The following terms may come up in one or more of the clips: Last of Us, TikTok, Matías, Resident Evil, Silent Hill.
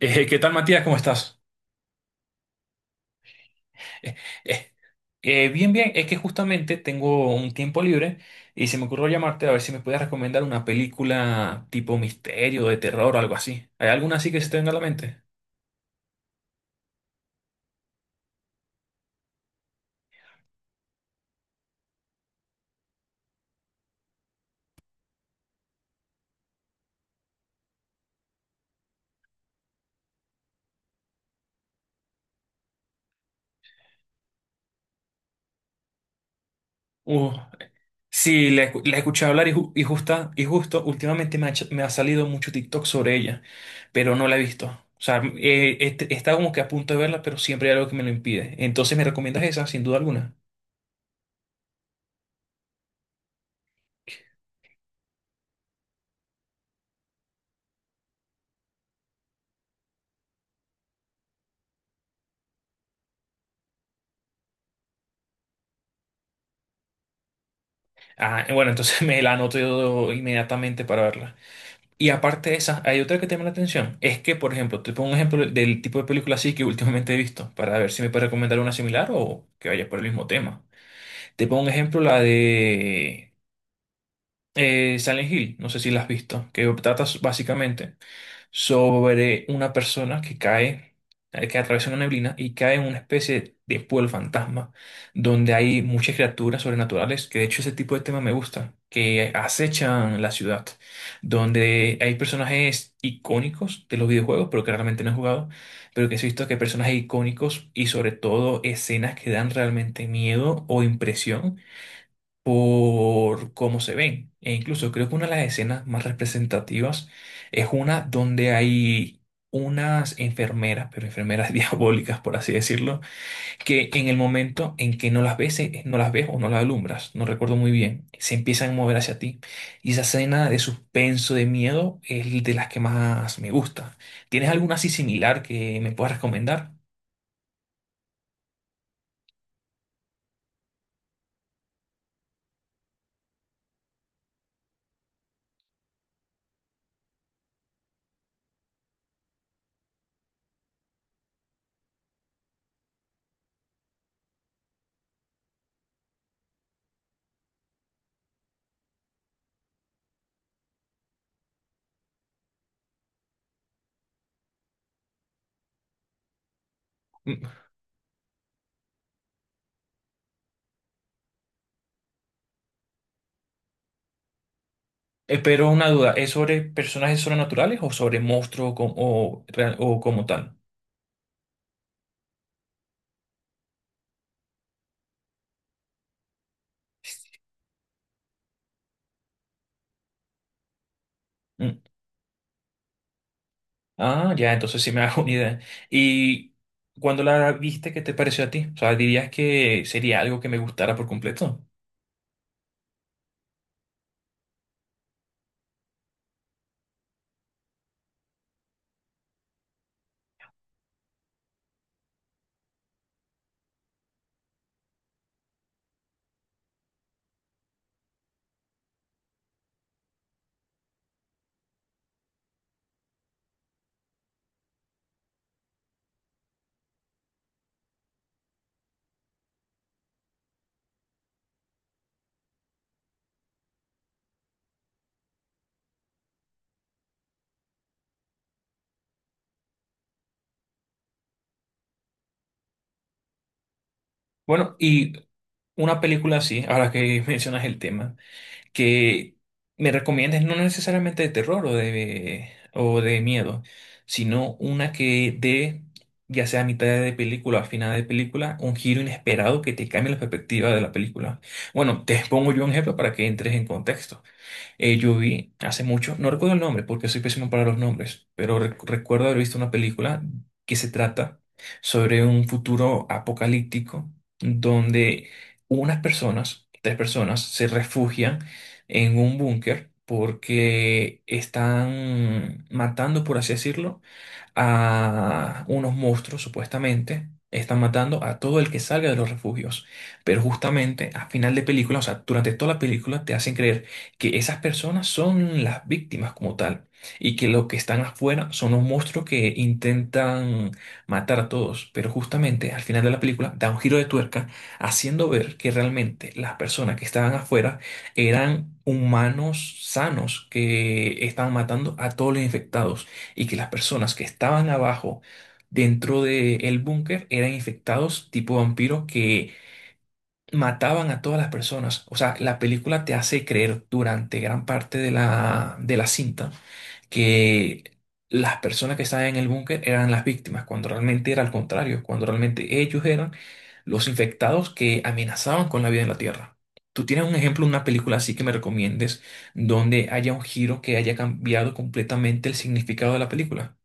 ¿Qué tal, Matías? ¿Cómo estás? Eh, eh, Bien, bien. Es que justamente tengo un tiempo libre y se me ocurrió llamarte a ver si me puedes recomendar una película tipo misterio, de terror o algo así. ¿Hay alguna así que se te venga a la mente? Uh, sí, la escuché hablar y, justo últimamente me ha salido mucho TikTok sobre ella, pero no la he visto. O sea, está como que a punto de verla, pero siempre hay algo que me lo impide. Entonces, ¿me recomiendas esa, sin duda alguna? Ah, bueno, entonces me la anoto yo inmediatamente para verla. Y aparte de esas, hay otra que te llama la atención. Es que, por ejemplo, te pongo un ejemplo del tipo de película así que últimamente he visto, para ver si me puedes recomendar una similar o que vaya por el mismo tema. Te pongo un ejemplo, la de Silent Hill, no sé si la has visto, que trata básicamente sobre una persona que cae, que atraviesa una neblina y cae en una especie de pueblo fantasma, donde hay muchas criaturas sobrenaturales, que de hecho ese tipo de tema me gusta, que acechan la ciudad, donde hay personajes icónicos de los videojuegos, pero que realmente no he jugado, pero que sí he visto que hay personajes icónicos y sobre todo escenas que dan realmente miedo o impresión por cómo se ven. E incluso creo que una de las escenas más representativas es una donde hay unas enfermeras, pero enfermeras diabólicas, por así decirlo, que en el momento en que no las ves, no las ves o no las alumbras, no recuerdo muy bien, se empiezan a mover hacia ti. Y esa escena de suspenso, de miedo, es de las que más me gusta. ¿Tienes alguna así similar que me puedas recomendar? Mm, Pero una duda, ¿es sobre personajes sobrenaturales o sobre monstruos com- o real- o como tal? Mm. Ah, ya, entonces sí me hago una idea. ¿Y cuando la viste, qué te pareció a ti? O sea, ¿dirías que sería algo que me gustara por completo? Bueno, y una película así, ahora que mencionas el tema, que me recomiendes no necesariamente de terror o de miedo, sino una que dé, ya sea a mitad de película o a final de película, un giro inesperado que te cambie la perspectiva de la película. Bueno, te pongo yo un ejemplo para que entres en contexto. Yo vi hace mucho, no recuerdo el nombre porque soy pésimo para los nombres, pero recuerdo haber visto una película que se trata sobre un futuro apocalíptico donde unas personas, tres personas, se refugian en un búnker porque están matando, por así decirlo, a unos monstruos, supuestamente. Están matando a todo el que salga de los refugios. Pero justamente a final de película, o sea, durante toda la película, te hacen creer que esas personas son las víctimas como tal. Y que lo que están afuera son los monstruos que intentan matar a todos. Pero justamente al final de la película da un giro de tuerca haciendo ver que realmente las personas que estaban afuera eran humanos sanos que estaban matando a todos los infectados y que las personas que estaban abajo dentro del búnker eran infectados tipo vampiros que mataban a todas las personas. O sea, la película te hace creer durante gran parte de la cinta que las personas que estaban en el búnker eran las víctimas, cuando realmente era al contrario, cuando realmente ellos eran los infectados que amenazaban con la vida en la Tierra. ¿Tú tienes un ejemplo, una película así que me recomiendes donde haya un giro que haya cambiado completamente el significado de la película?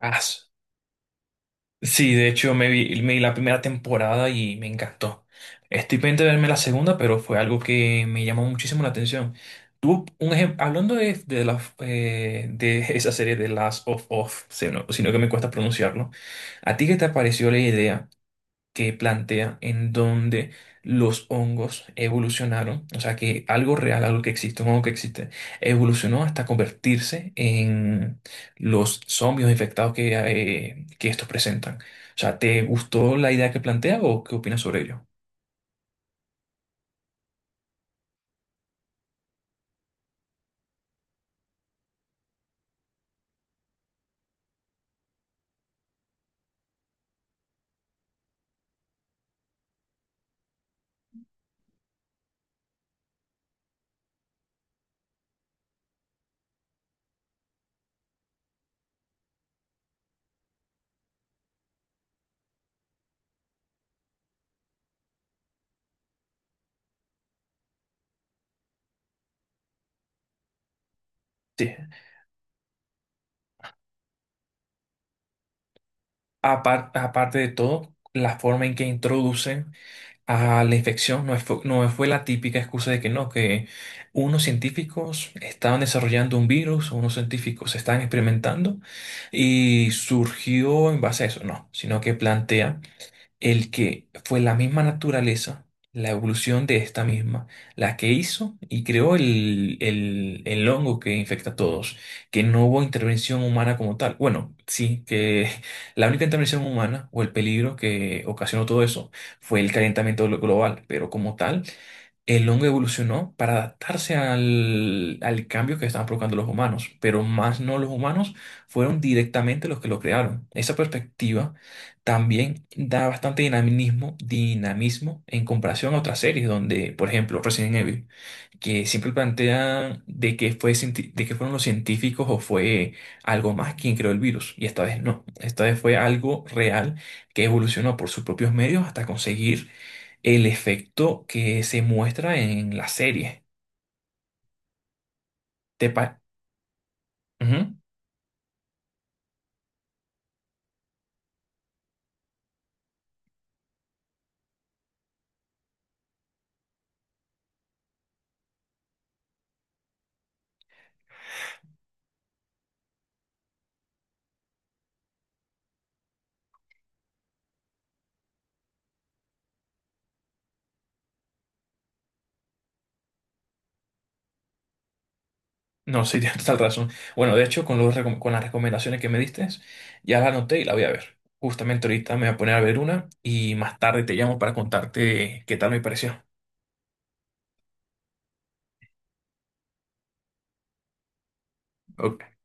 Ah, s- sí, de hecho me vi la primera temporada y me encantó. Estoy pendiente de verme la segunda, pero fue algo que me llamó muchísimo la atención. Tú, un ejemplo, hablando de esa serie de Last of Us, sino que me cuesta pronunciarlo, ¿a ti qué te pareció la idea que plantea en donde los hongos evolucionaron? O sea que algo real, algo que existe, un hongo que existe, evolucionó hasta convertirse en los zombies infectados que estos presentan. O sea, ¿te gustó la idea que plantea o qué opinas sobre ello? Sí. Aparte de todo, la forma en que introducen a la infección no fue, no fue la típica excusa de que no, que unos científicos estaban desarrollando un virus, unos científicos estaban experimentando y surgió en base a eso, no, sino que plantea el que fue la misma naturaleza, la evolución de esta misma, la que hizo y creó el hongo que infecta a todos, que no hubo intervención humana como tal. Bueno, sí, que la única intervención humana o el peligro que ocasionó todo eso fue el calentamiento global, pero como tal, el hongo evolucionó para adaptarse al cambio que estaban provocando los humanos, pero más no los humanos fueron directamente los que lo crearon. Esa perspectiva también da bastante dinamismo, dinamismo en comparación a otras series donde, por ejemplo, Resident Evil, que siempre plantean de que fue, de que fueron los científicos o fue algo más quien creó el virus. Y esta vez no. Esta vez fue algo real que evolucionó por sus propios medios hasta conseguir el efecto que se muestra en la serie. ¿Te pa- Ujú. No, sí, tienes total razón. Bueno, de hecho, con las recomendaciones que me diste, ya la anoté y la voy a ver. Justamente ahorita me voy a poner a ver una y más tarde te llamo para contarte qué tal me pareció. Ok.